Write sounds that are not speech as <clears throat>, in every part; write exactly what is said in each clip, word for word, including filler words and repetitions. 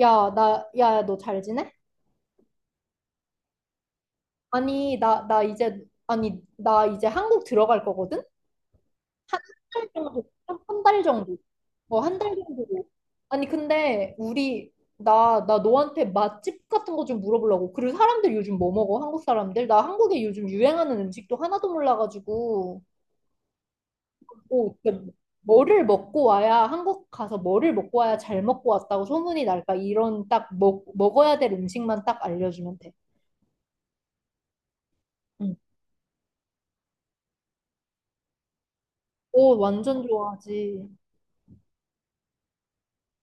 야, 나, 야, 너 잘 지내? 아니, 나, 나 이제, 아니, 나 이제 한국 들어갈 거거든? 한 달 정도, 한 달 정도. 어, 한 달 정도. 아니, 근데, 우리, 나, 나 너한테 맛집 같은 거 좀 물어보려고. 그리고 사람들 요즘 뭐 먹어? 한국 사람들? 나 한국에 요즘 유행하는 음식도 하나도 몰라가지고. 오 근데 뭐를 먹고 와야, 한국 가서 뭐를 먹고 와야 잘 먹고 왔다고 소문이 날까? 이런 딱 먹, 먹어야 될 음식만 딱 알려주면 돼. 응. 오, 완전 좋아하지.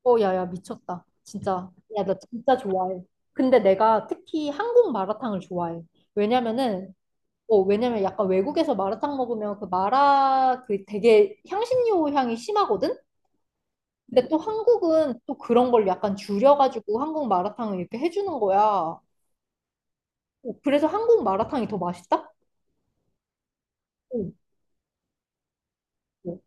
어, 야, 야, 미쳤다. 진짜. 야, 나 진짜 좋아해. 근데 내가 특히 한국 마라탕을 좋아해. 왜냐면은, 어, 왜냐면 약간 외국에서 마라탕 먹으면 그 마라 그 되게 향신료 향이 심하거든? 근데 또 한국은 또 그런 걸 약간 줄여가지고 한국 마라탕을 이렇게 해주는 거야. 어, 그래서 한국 마라탕이 더 맛있다? 어, 어.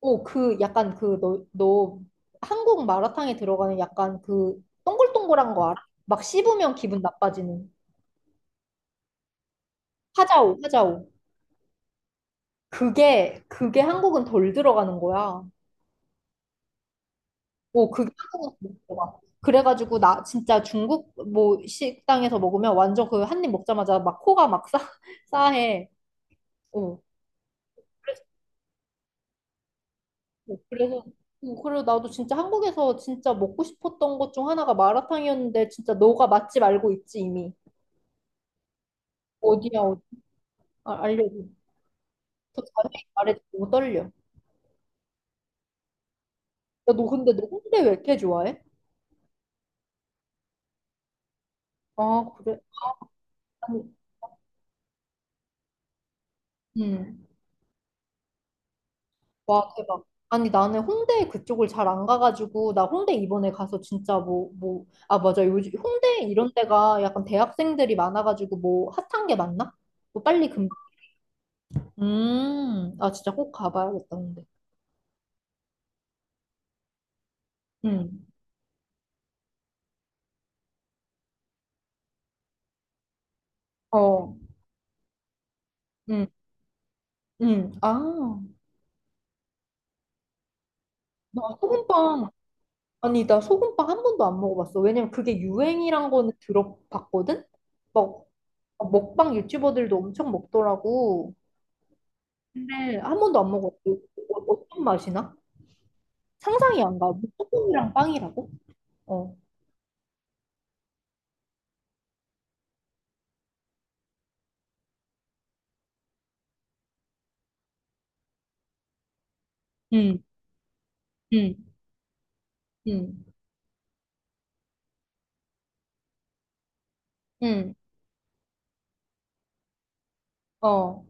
오, 그 약간 그 너, 너 한국 마라탕에 들어가는 약간 그 동글동글한 거 알아? 막 씹으면 기분 나빠지는 하자오, 하자오. 그게 그게 한국은 덜 들어가는 거야. 오, 그게 한국은 덜 들어가. 그래가지고 나 진짜 중국 뭐 식당에서 먹으면 완전 그 한 입 먹자마자 막 코가 막 싸, <laughs> 싸해. 오. 그래서 그래서 오, 그리고 나도 진짜 한국에서 진짜 먹고 싶었던 것 중 하나가 마라탕이었는데 진짜 너가 맛집 알고 있지 이미. 어디야, 어디야. 아, 알려줘. 더 자세히 말해줘. 너무 떨려. 야, 너 근데 너 홍대 왜 이렇게 좋아해? 아, 그래? 아니, 음. 와, 대박. 아니, 나는 홍대 그쪽을 잘 안 가가지고, 나 홍대 이번에 가서 진짜 뭐, 뭐, 아, 맞아. 요즘 홍대 이런 데가 약간 대학생들이 많아가지고, 뭐, 핫한 게 맞나? 뭐, 빨리 금, 음, 아, 진짜 꼭 가봐야겠다, 근데. 음, 어, 음, 음, 아, 나 소금빵 아니, 나 소금빵 한 번도 안 먹어봤어. 왜냐면 그게 유행이란 거는 들어봤거든? 막, 먹방 유튜버들도 엄청 먹더라고. 근데 한 번도 안 먹었어. 어, 어떤 맛이나? 상상이 안 가. 소금이랑 빵이라고? 어. 응, 응, 응, 응, 어,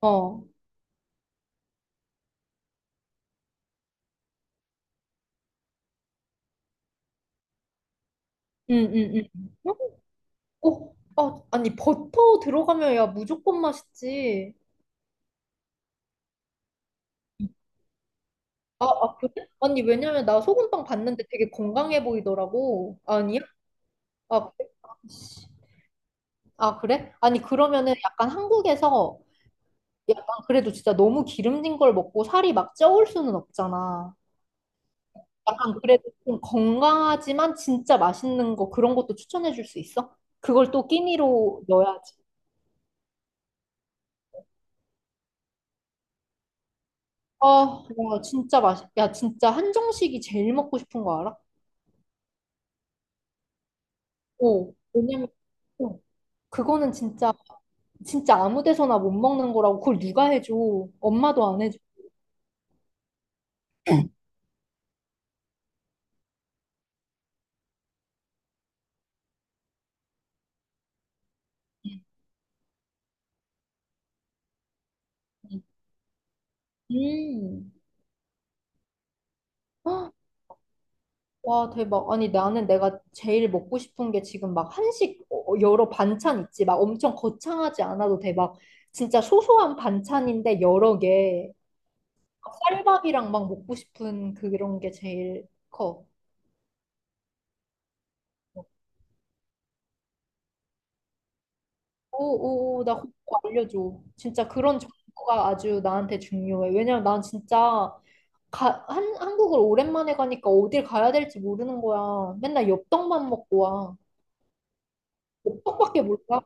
어, 응, 응, 응. 어, 아, 아니, 버터 들어가면 야, 무조건 맛있지. 아, 아, 그래? 아니, 왜냐면 나 소금빵 봤는데 되게 건강해 보이더라고. 아니야? 아, 그래? 아, 그래? 아니, 그러면은 약간 한국에서 약간 그래도 진짜 너무 기름진 걸 먹고 살이 막 쪄올 수는 없잖아. 약간 그래도 좀 건강하지만 진짜 맛있는 거 그런 것도 추천해 줄 수 있어? 그걸 또 끼니로 넣어야지. 아, 야, 진짜 맛있, 야, 진짜 한정식이 제일 먹고 싶은 거 알아? 오, 왜냐면 또 그거는 진짜, 진짜 아무 데서나 못 먹는 거라고 그걸 누가 해줘. 엄마도 안 해줘. <clears throat> 음. 와, 대박. 아니, 나는 내가 제일 먹고 싶은 게 지금 막 한식 어, 어, 여러 반찬 있지. 막 엄청 거창하지 않아도 돼. 막 진짜 소소한 반찬인데 여러 개. 막 쌀밥이랑 막 먹고 싶은 그런 게 제일 커. 오, 오, 오, 나 그거 알려줘. 진짜 그런 정보가 아주 나한테 중요해. 왜냐면 난 진짜 가, 한, 한국을 오랜만에 가니까 어딜 가야 될지 모르는 거야. 맨날 엽떡만 먹고 와. 엽떡밖에 몰라.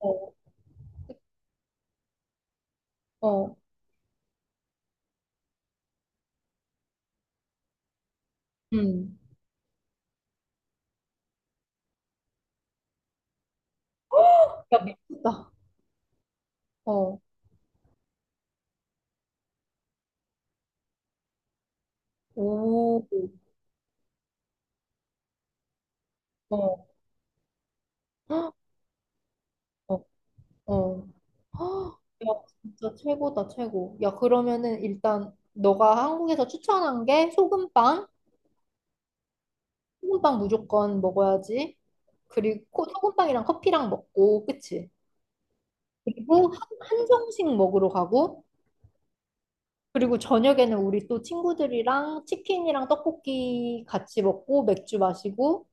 어, 어, 음. 야, 미쳤다. 어, 오, 어, 헉, 어, 어. 헉, 야, 진짜 최고다, 최고. 야, 그러면은 일단 너가 한국에서 추천한 게 소금빵? 소금빵 무조건 먹어야지. 그리고 코- 소금빵이랑 커피랑 먹고, 그치? 그리고 한- 한정식 먹으러 가고, 그리고 저녁에는 우리 또 친구들이랑 치킨이랑 떡볶이 같이 먹고, 맥주 마시고,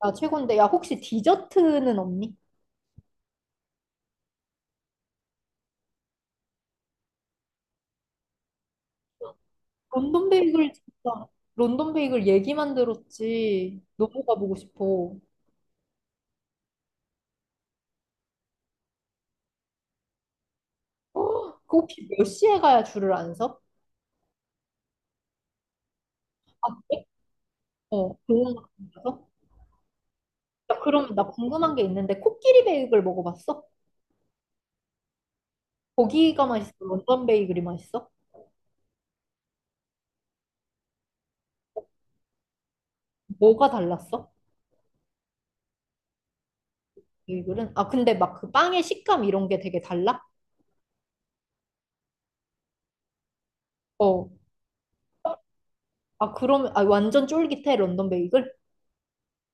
아, 최고인데. 야, 혹시 디저트는 없니? 런던 베이글 진짜 런던 베이글 얘기만 들었지 너무 가보고 싶어. 어, 그 혹시 몇 시에 가야 줄을 안 서? 어, 공원 같은 데서? 야, 그럼 나 궁금한 게 있는데 코끼리 베이글 먹어봤어? 거기가 맛있어? 런던 베이글이 맛있어? 뭐가 달랐어? 베이글은? 아 근데 막 그 빵의 식감 이런 게 되게 달라? 어. 아 그러면 아 완전 쫄깃해 런던 베이글?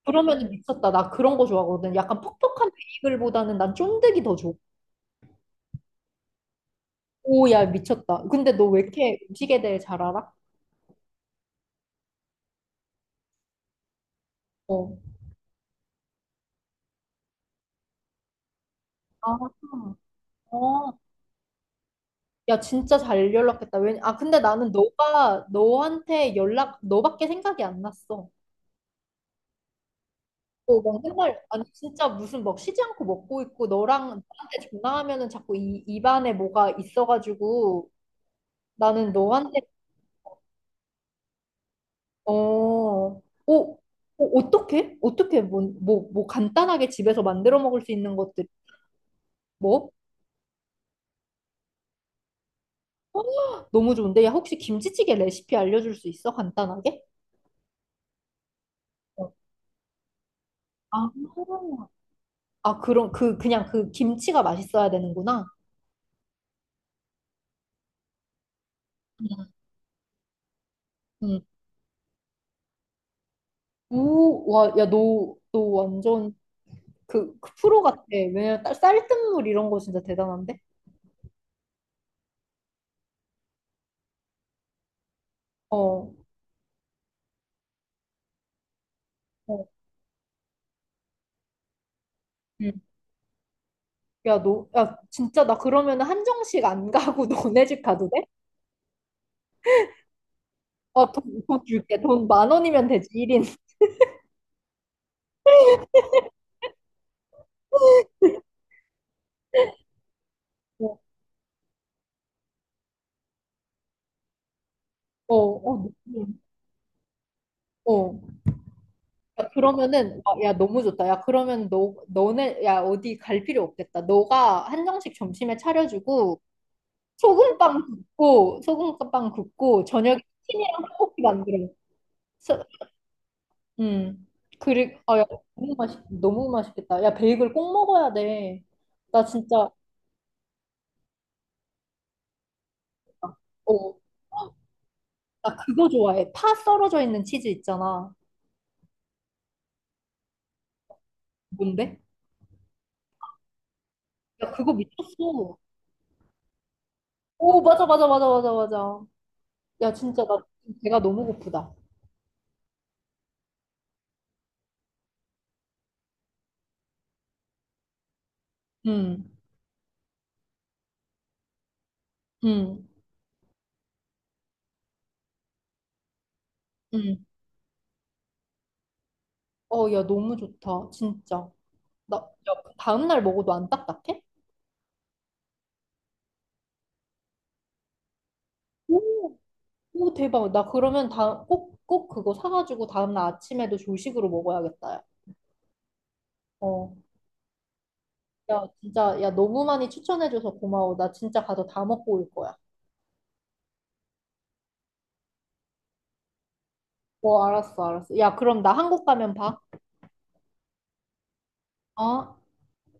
그러면 미쳤다. 나 그런 거 좋아하거든. 약간 퍽퍽한 베이글보다는 난 쫀득이 더 좋아. 오, 야, 미쳤다. 근데 너 왜 이렇게 음식에 대해 잘 알아? 어. 아, 어. 야, 진짜 잘 연락했다. 왜, 아, 근데 나는 너가, 너한테 연락, 너밖에 생각이 안 났어. 어, 막 맨날, 아니, 진짜 무슨 막 쉬지 않고 먹고 있고, 너랑, 너한테 전화하면은 자꾸 이, 입안에 뭐가 있어가지고, 나는 너한테, 어, 어, 어, 어떻게? 어떻게, 뭐, 뭐, 뭐 간단하게 집에서 만들어 먹을 수 있는 것들, 뭐? 너무 좋은데? 야, 혹시 김치찌개 레시피 알려줄 수 있어? 간단하게? 어. 아, 아, 그럼 그 그냥 그 김치가 맛있어야 되는구나. 응. 오, 와, 야, 너, 너 완전 그, 그 프로 같아. 왜냐면 딸- 쌀뜨물 이런 거 진짜 대단한데? 어, 어, 응. 야, 너, 야, 진짜 나 그러면 한정식 안 가고 <laughs> 너네 집 가도 돼? 어, 돈, 돈 줄게. 돈 만 원이면 되지, 일 인. 어, 어, 어, 어. 야, 그러면은 어, 야 너무 좋다. 야 그러면 너 너네 야 어디 갈 필요 없겠다. 너가 한정식 점심에 차려주고 소금빵 굽고 소금빵 굽고 저녁에 튀김이랑 떡볶이 만들어. 서- 음 그리고 아야 너무 맛있 너무 맛있겠다. 야 베이글 꼭 먹어야 돼. 나 진짜 어나 그거 좋아해. 파 썰어져 있는 치즈 있잖아. 뭔데? 야 그거 미쳤어. 오 맞아 맞아 맞아 맞아 맞아. 야 진짜 나 배가 너무 고프다. 음. 응, 응. 어, 야, 너무 좋다. 진짜. 나, 야, 다음날 먹어도 안 딱딱해? 오, 오, 대박. 나 그러면 다, 꼭, 꼭 그거 사가지고 다음날 아침에도 조식으로 먹어야겠다. 야. 어. 야, 진짜, 야, 너무 많이 추천해줘서 고마워. 나 진짜 가서 다 먹고 올 거야. 어, 알았어, 알았어. 야, 그럼 나 한국 가면 봐. 어?